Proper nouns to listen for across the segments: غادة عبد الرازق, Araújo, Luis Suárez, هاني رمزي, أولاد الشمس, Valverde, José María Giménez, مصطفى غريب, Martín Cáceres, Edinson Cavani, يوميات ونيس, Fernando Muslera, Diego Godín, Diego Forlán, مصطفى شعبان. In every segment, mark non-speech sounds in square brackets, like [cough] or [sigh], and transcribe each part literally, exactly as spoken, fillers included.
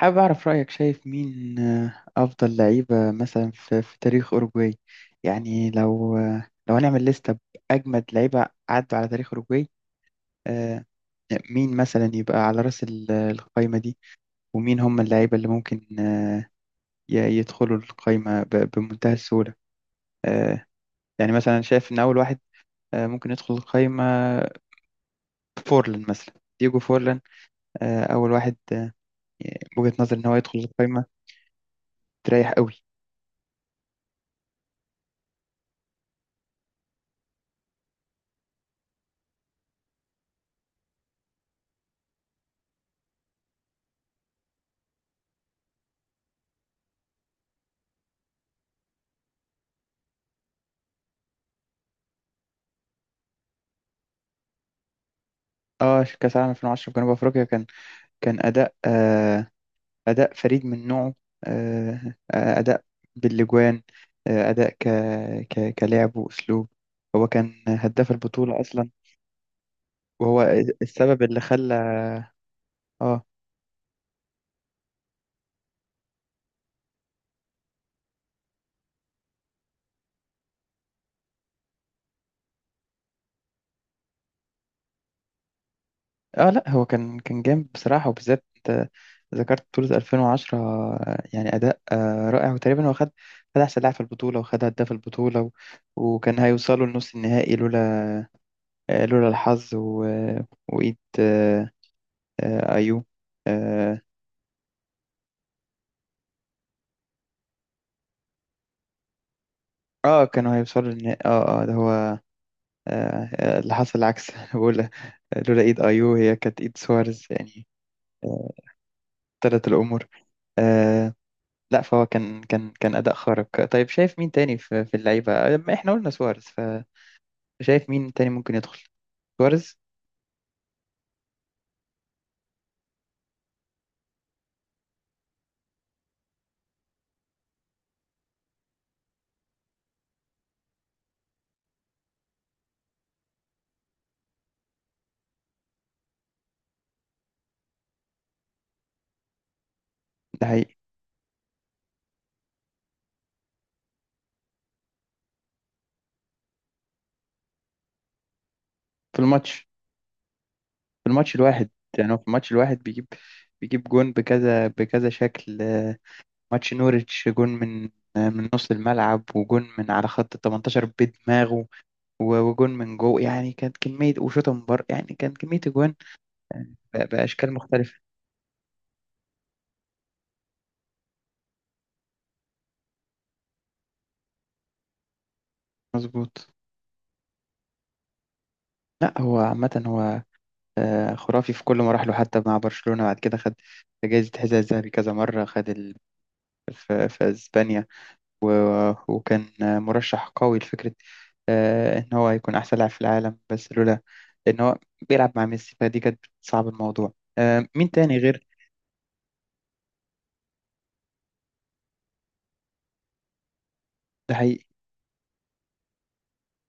حابب أعرف رأيك، شايف مين آه، أفضل لعيبة مثلا في, في تاريخ أوروجواي؟ يعني لو آه، لو هنعمل لستة بأجمد لعيبة عدوا على تاريخ أوروجواي. آه، مين مثلا يبقى على رأس ال- القايمة دي؟ ومين هم اللعيبة اللي ممكن آه، ي- يدخلوا القايمة ب- بمنتهى السهولة؟ آه، يعني مثلا شايف إن أول واحد آه، ممكن يدخل القايمة، فورلان مثلا. ديجو فورلان، آه، أول واحد، آه، بوجهة نظر إن هو يدخل القايمة تريح قوي. اه، كأس العالم ألفين وعشرة في جنوب أفريقيا، كان كان أداء، آه، أداء فريد من نوعه. آه، آه، أداء باللجوان، آه، أداء ك... ك... كلعب وأسلوب. هو كان هداف البطولة أصلا، وهو السبب اللي خلى آه آه لأ، هو كان كان جامد بصراحة، وبالذات آه، ذكرت بطولة ألفين وعشرة. آه، يعني أداء آه، رائع، وتقريبا هو خد خد أحسن لاعب في البطولة، وخد هداف البطولة و... وكان هيوصلوا لنص النهائي لولا آه، لولا الحظ و... آه، وإيد، آه، آه، أيو. اه، كانوا هيوصلوا للنهائي. اه اه، ده هو. آه آه، اللي حصل العكس. [laughs] أنا بقول آه، لولا ايد. ايو، هي كانت ايد سوارز يعني. آه تلت الامور. آه لا، فهو كان كان كان اداء خارق. طيب شايف مين تاني في, في اللعيبه؟ آه، ما احنا قلنا سوارز. فشايف مين تاني ممكن يدخل؟ سوارز. ده حقيقي. في الماتش في الماتش الواحد. يعني هو في الماتش الواحد بيجيب بيجيب جون بكذا بكذا شكل. آه ماتش نوريتش، جون من آه، من نص الملعب، وجون من على خط ال تمنتاشر بدماغه، و- وجون من جو يعني كانت كمية، وشوطة من بره يعني كانت كمية أجوان، ب- بأشكال مختلفة. مظبوط. لا، هو عامة هو آه، خرافي في كل مراحله. حتى مع برشلونة بعد كده خد جايزة حذاء الذهبي كذا مرة. خد ال... في... في أسبانيا، و... وكان آه، مرشح قوي لفكرة آه، إن هو يكون أحسن لاعب في العالم، بس لولا إن هو بيلعب مع ميسي، فدي كانت بتصعب الموضوع. آه، مين تاني غير؟ ده حقيقي.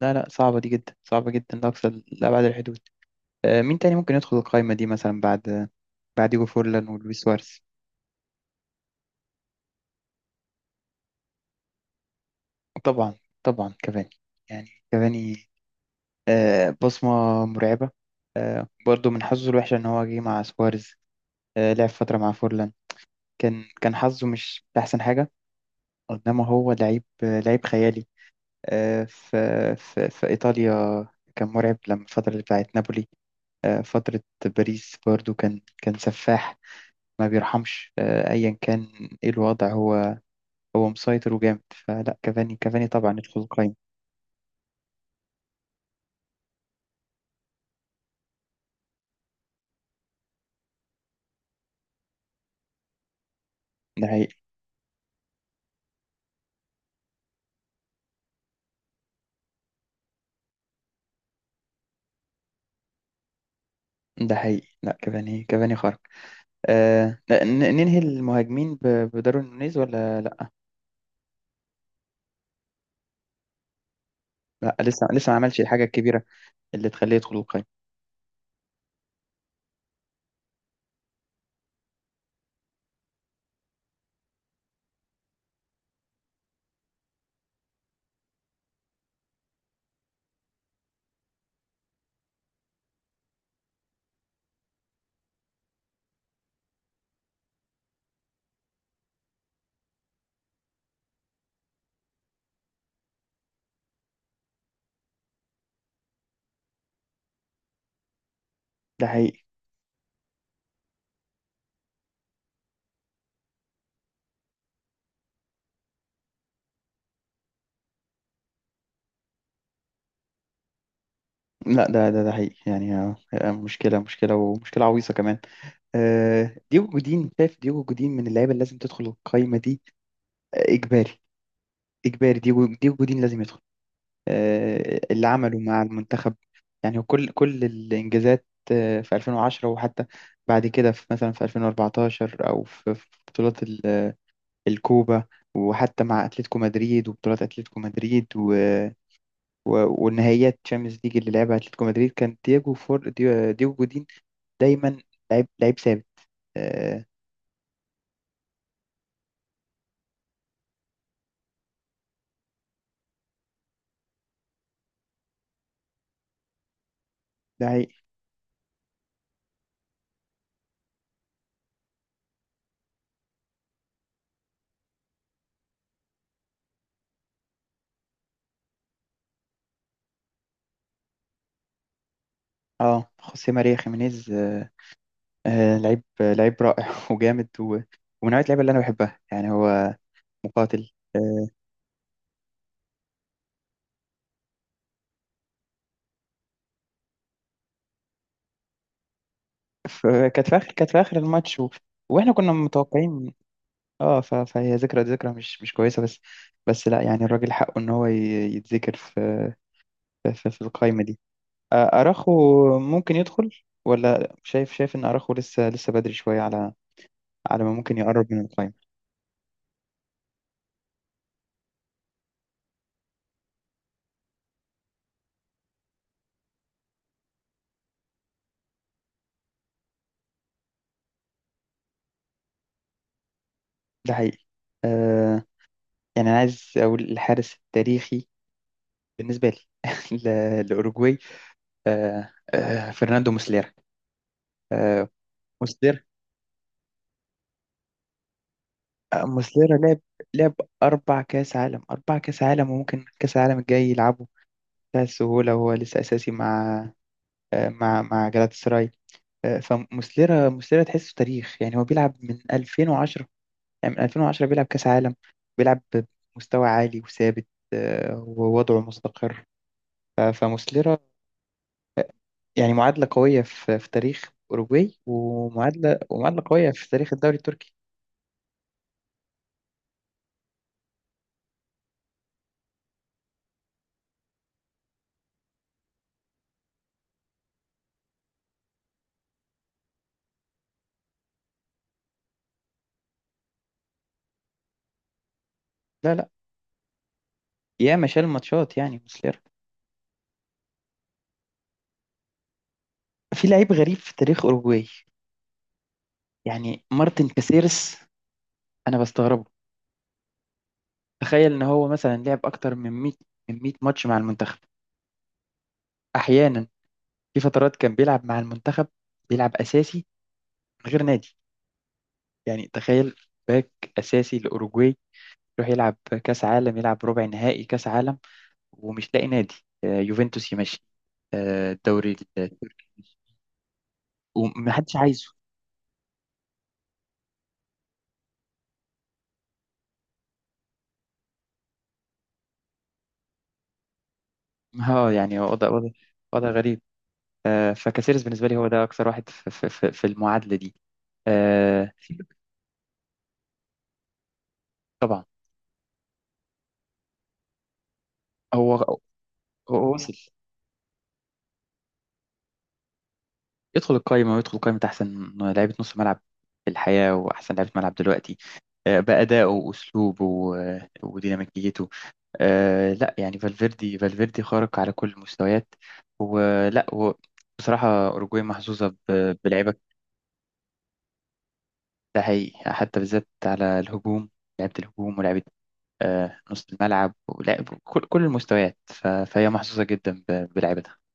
لا لا، صعبة دي جدا، صعبة جدا لأقصى، لأبعد الحدود. آه، مين تاني ممكن يدخل القائمة دي مثلا بعد بعد ديجو فورلان ولويس سواريز؟ طبعا، طبعا كافاني. يعني كافاني آه، بصمة مرعبة. آه، برضه من حظه الوحش إن هو جه مع سواريز، آه، لعب فترة مع فورلان. كان كان حظه مش أحسن حاجة. إنما هو لعيب آه، لعيب خيالي. آه، في في في إيطاليا كان مرعب، لما الفترة اللي بتاعت نابولي. آه، فترة باريس برضه كان كان سفاح، ما بيرحمش آه، أيا كان إيه الوضع. هو هو مسيطر وجامد. فلا، كافاني كافاني طبعا يدخل القايمة. ده حقيقي. ده حقيقي، لا، كافاني كافاني خارق. آه ن- ن- ننهي المهاجمين ب- بداروين نونيز ولا لا؟ لا، لسه لسه ما عملش الحاجة الكبيرة اللي تخليه يدخل القايمة. ده حقيقي. لا، ده ده ده حقيقي يعني. آه، آه، مشكلة، مشكلة، ومشكلة عويصة كمان. آه ديجو جودين. شايف ديجو جودين من اللعيبة اللي لازم تدخل القايمة دي؟ آه، إجباري. إجباري، ديجو ديجو جودين لازم يدخل. آه، اللي عمله مع المنتخب، يعني كل كل الإنجازات آه، في ألفين وعشرة، وحتى بعد كده في مثلا في ألفين وأربعتاشر، أو في في بطولات ال- آه، الكوبا. وحتى مع أتلتيكو مدريد، وبطولات أتلتيكو مدريد، و و- والنهائيات تشامبيونز ليج اللي لعبها أتلتيكو مدريد، كان دييجو فور ديو- دييجو جودين دايما. لعيب، لعيب ثابت. آه، ده حقيقي. اه، خوسيه ماريا خيمينيز، آه، آه، لعيب لعيب رائع [laughs] وجامد، و- ومن نوعية اللعيبة اللي أنا بحبها. يعني هو مقاتل. آه، في كانت في اخر كانت في اخر الماتش، و... واحنا كنا متوقعين. اه، ف... فهي ذكرى، ذكرى مش مش كويسه، بس بس لا يعني، الراجل حقه ان هو ي... يتذكر في في, في القائمه دي. آه، اراخو ممكن يدخل؟ ولا شايف، شايف ان اراخو لسه لسه بدري شويه على على ما ممكن يقرب من القائمه؟ ده حقيقي. آه يعني انا عايز اقول الحارس التاريخي بالنسبه لي [laughs] ل- لاوروجواي، آه آه فرناندو موسليرا. آه موسليرا لعب، لعب أربع كأس عالم. أربع كأس عالم وممكن كأس العالم الجاي يلعبه بتاع السهولة، وهو لسه أساسي مع آه، مع مع جلات سراي. فموسليرا موسليرا تحسه تاريخ. يعني هو بيلعب من ألفين وعشرة، يعني من ألفين وعشرة بيلعب كأس عالم، بيلعب بمستوى عالي وثابت، آه، ووضعه مستقر. ف- فموسليرا يعني معادلة قوية في في تاريخ أوروجواي، ومعادلة، ومعادلة قوية في تاريخ الدوري التركي. لا لا، ياما شال ماتشات يعني موسليرا. في لعيب غريب في تاريخ أوروجواي، يعني مارتن كاسيرس. انا بستغربه. تخيل ان هو مثلا لعب اكتر من مية من مية ماتش مع المنتخب. احيانا في فترات كان بيلعب مع المنتخب، بيلعب اساسي من غير نادي. يعني تخيل، باك اساسي لاوروجواي يروح يلعب كاس عالم، يلعب ربع نهائي كاس عالم، ومش لاقي نادي. آه، يوفنتوس يمشي، آه، الدوري التركي يمشي. ومحدش عايزه. اه، يعني وضع وضع وضع غريب. آه، فكاسيرس بالنسبه لي هو ده اكثر واحد في في- في- في المعادله دي. آه، هو هو وصل، يدخل القائمة، ويدخل قائمة أحسن لعيبة نص ملعب في الحياة، وأحسن لعيبة ملعب دلوقتي، آه، بأدائه وأسلوبه، آه، وديناميكيته. آه، لا يعني، فالفيردي، فالفيردي خارق على كل المستويات. ولا هو، بصراحة أوروجواي محظوظة ب- بلعيبة. ده حقيقي، حتى بالذات على الهجوم. لعيبة الهجوم، ولعيبة آه، نص الملعب، ولعب كل كل المستويات. ف- فهي محظوظة جدا ب- بلعيبتها.